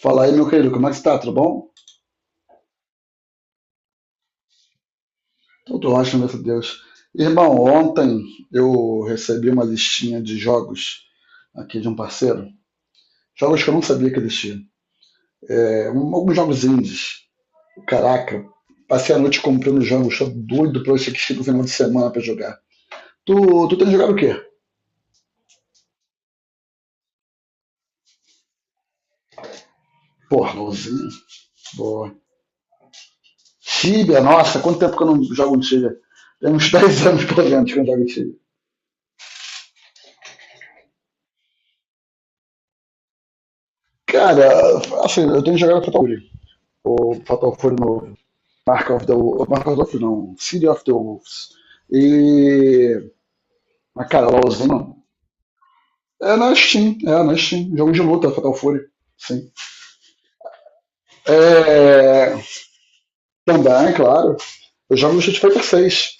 Fala aí, meu querido, como é que está. Tudo bom? Tudo ótimo, graças a Deus. Irmão, ontem eu recebi uma listinha de jogos aqui de um parceiro. Jogos que eu não sabia que existiam. É, alguns jogos indies. Caraca, passei a noite comprando jogos, tô doido pra eu assistir no final de semana pra jogar. Tu, tu tem jogado o quê? Porra, LOLzinho. Boa. Tibia, nossa, quanto tempo que eu não jogo Tibia? Tem uns 10 anos, pelo menos, que eu não jogo Tibia. Cara, assim, eu tenho jogado Fatal Fury. O Fatal Fury novo. Mark of the Wolves, Mark of the Wolves não, City of the Wolves. E. Mas, cara, LOLzinho. É na Steam, é na Steam. Jogo de luta, Fatal Fury. Sim. É, também, claro. Eu jogo no Street Fighter 6*.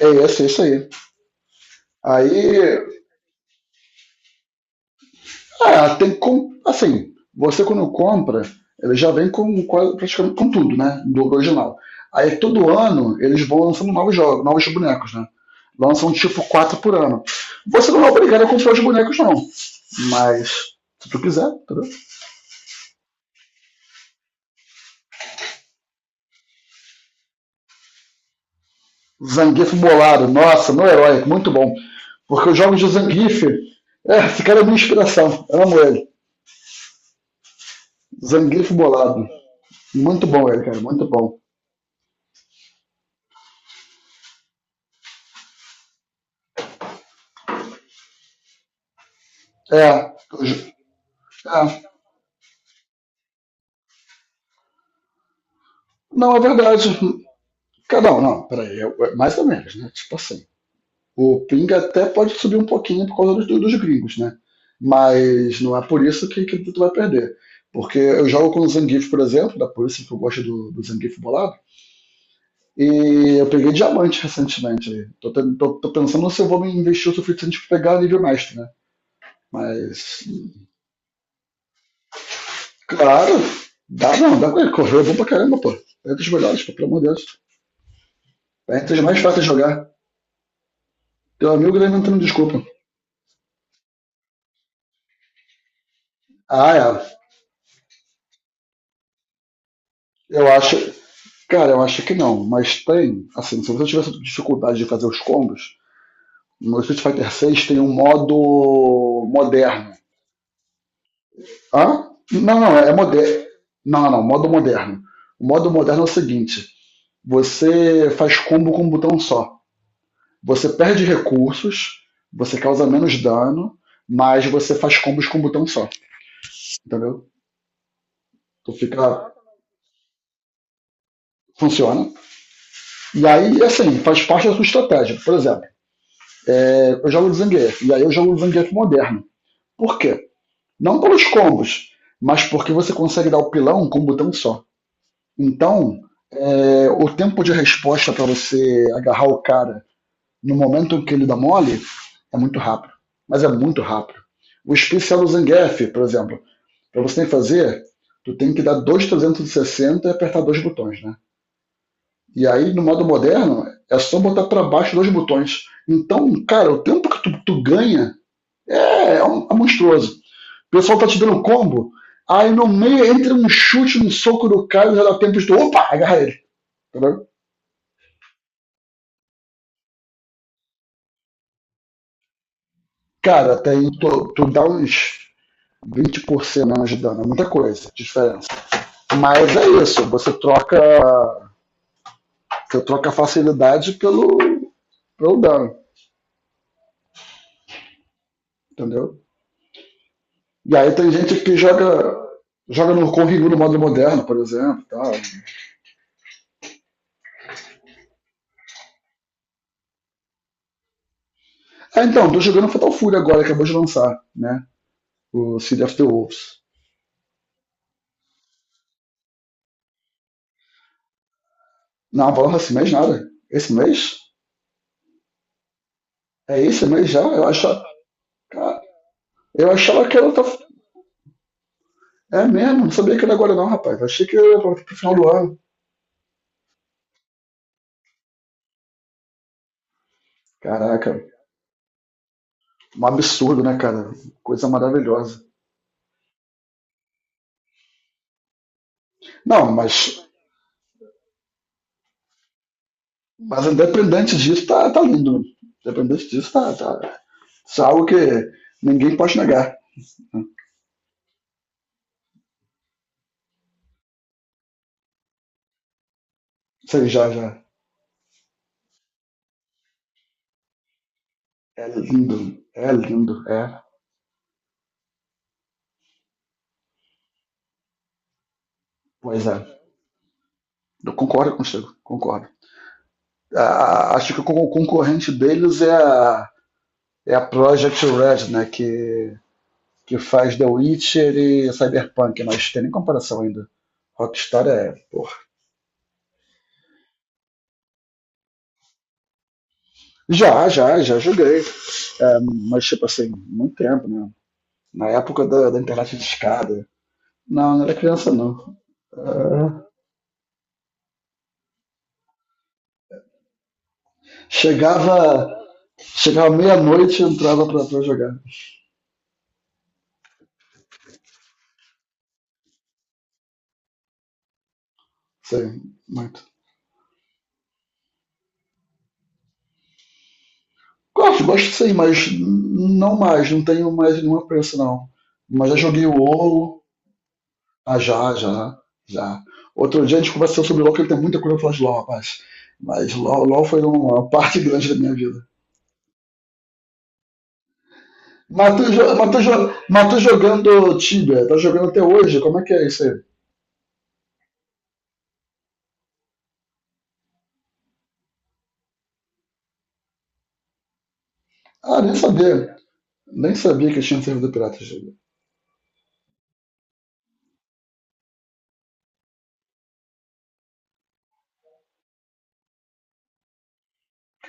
É esse, é isso aí. Aí. Ah, tem como. Assim, você quando compra, ele já vem com praticamente com tudo, né? Do original. Aí todo ano eles vão lançando novos jogos, novos bonecos, né? Lançam tipo quatro por ano. Você não é obrigado a comprar os bonecos, não. Mas, se tu quiser, entendeu? Zangief bolado, nossa, no herói, muito bom. Porque os jogos de Zangief, é, esse cara é minha inspiração, eu amo ele. Zangief bolado, muito bom ele, cara, muito bom. É, é, não, é verdade. Cara, não, não, peraí, mais ou menos, né? Tipo assim, o Ping até pode subir um pouquinho por causa dos gringos, né? Mas não é por isso que tu vai perder. Porque eu jogo com o Zangief, por exemplo, da polícia que eu gosto do Zangief bolado. E eu peguei diamante recentemente. Aí. Tô pensando se eu vou me investir o suficiente pra pegar nível mestre, né? Mas, claro, dá não, dá pra correr, bom pra caramba, pô. É entre os melhores, pô, pelo amor de Deus. É entre os mais fáceis de jogar. Teu amigo deve entrando, desculpa. Ah, é. Eu acho. Cara, eu acho que não, mas tem. Assim, se você tivesse dificuldade de fazer os combos, no Street Fighter 6 tem um modo moderno. Hã? Não, não, é moderno. Não, não, não, modo moderno. O modo moderno é o seguinte: você faz combo com um botão só. Você perde recursos, você causa menos dano, mas você faz combos com um botão só, entendeu? Então fica. Funciona. E aí, assim, faz parte da sua estratégia. Por exemplo, eu jogo de Zangief, e aí eu jogo de Zangief moderno. Por quê? Não pelos combos, mas porque você consegue dar o pilão com um botão só. Então, o tempo de resposta para você agarrar o cara no momento que ele dá mole, é muito rápido. Mas é muito rápido. O especial do Zangief, por exemplo, para você fazer, tu tem que dar 2,360 e sessenta e apertar dois botões, né? E aí, no modo moderno, é só botar para baixo dois botões. Então, cara, o tempo que tu ganha é monstruoso. O pessoal tá te dando combo, aí no meio entra um chute, um soco do cara, já dá tempo de tu, opa, agarra ele. Tá. Cara, até aí tu dá uns 20% menos de dano, é muita coisa diferença. Mas é isso, você troca a facilidade pelo dano, entendeu? E aí tem gente que joga no modo moderno, por exemplo. Tal. Ah, então, tô jogando Fatal Fury agora, acabou de lançar, né? O City of the Wolves. Não, porra, esse mês nada. Esse mês? É esse mês já? Eu achava, cara, eu achava que era outra... É mesmo, não sabia que era agora não, rapaz. Achei que era pro final do ano. Caraca, um absurdo, né, cara? Coisa maravilhosa. Não, mas independente disso, tá, tá lindo. Independente disso, tá, tá. Isso é algo que ninguém pode negar. Sei já, já. É lindo. É lindo. É. Pois é. Eu concordo contigo. Concordo. Ah, acho que o concorrente deles é a Project Red, né? Que faz The Witcher e Cyberpunk, mas tem nem comparação ainda. Rockstar é, porra. Já, já, já joguei. É, mas, tipo assim, muito tempo, né? Na época da internet de escada. Não, não era criança, não. Ah, Chegava, chegava meia-noite e entrava pra jogar. Sim, muito. Gosto, gosto sim, mas não mais, não tenho mais nenhuma pressa, não. Mas já joguei o WoW. Ah, já, já, já. Outro dia a gente conversou sobre LoL, que tem muita coisa pra falar de LoL, rapaz. Mas LoL foi uma parte grande da minha vida. Mas tu jogando Tibia, tá jogando até hoje, como é que é isso aí? Ah, nem sabia. Nem sabia que tinha servidor pirata.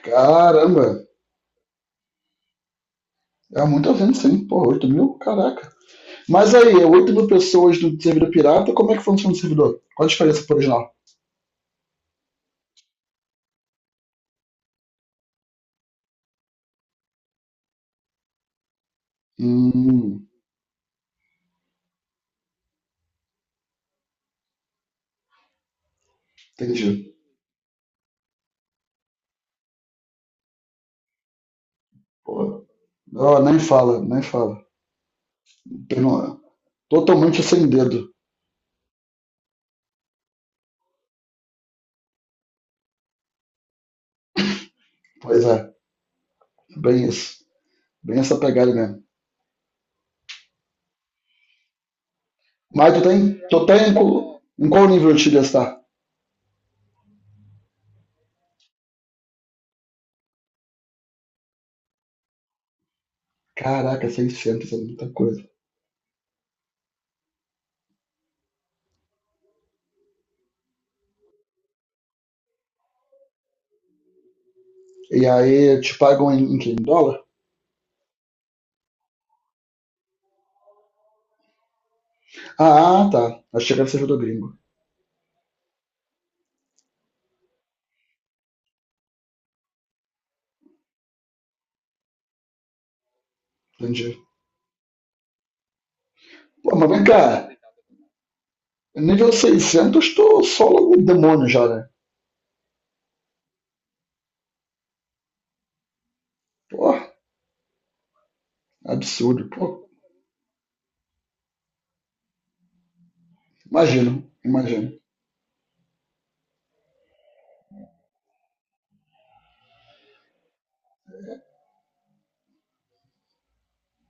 Caramba, é muita venda sim. Pô, 8 mil? Caraca. Mas aí, é 8 mil pessoas no servidor pirata, como é que funciona o servidor? Qual a diferença pro original? Hum, entendi. Pô, ó, nem fala, nem fala. Tem uma- Totalmente sem dedo. Pois é, bem isso. Bem essa pegada mesmo. Mas tu tem em qual nível de gastar? Caraca, 600 é muita coisa. E aí, te pagam em, quê? Em dólar? Ah, tá. Achei que era servidor gringo. Entendi. Pô, mas vem cá. Nível 600, tô só logo o demônio já, né? Pô, absurdo. Pô, imagino, imagino.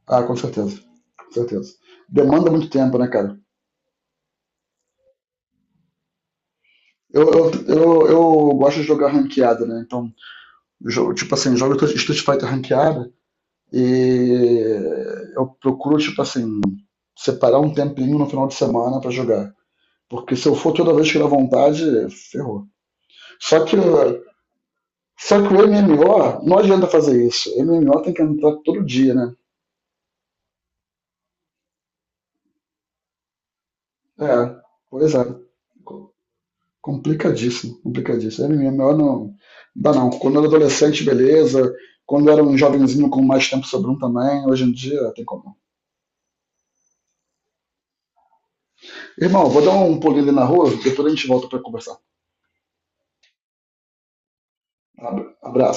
Ah, com certeza. Com certeza. Demanda muito tempo, né, cara? Eu gosto de jogar ranqueada, né? Então, tipo assim, jogo Street Fighter ranqueada e eu procuro, tipo assim, separar um tempinho no final de semana pra jogar. Porque se eu for toda vez que dá vontade, ferrou. Só que, só que o MMO, não adianta fazer isso. MMO tem que entrar todo dia, né? É, pois é. Co- Complicadíssimo, complicadíssimo. É melhor não. Não dá não. Quando eu era adolescente, beleza. Quando eu era um jovenzinho com mais tempo sobrando também, hoje em dia tem como. Irmão, vou dar um pulinho ali na rua, depois a gente volta pra conversar. Abraço.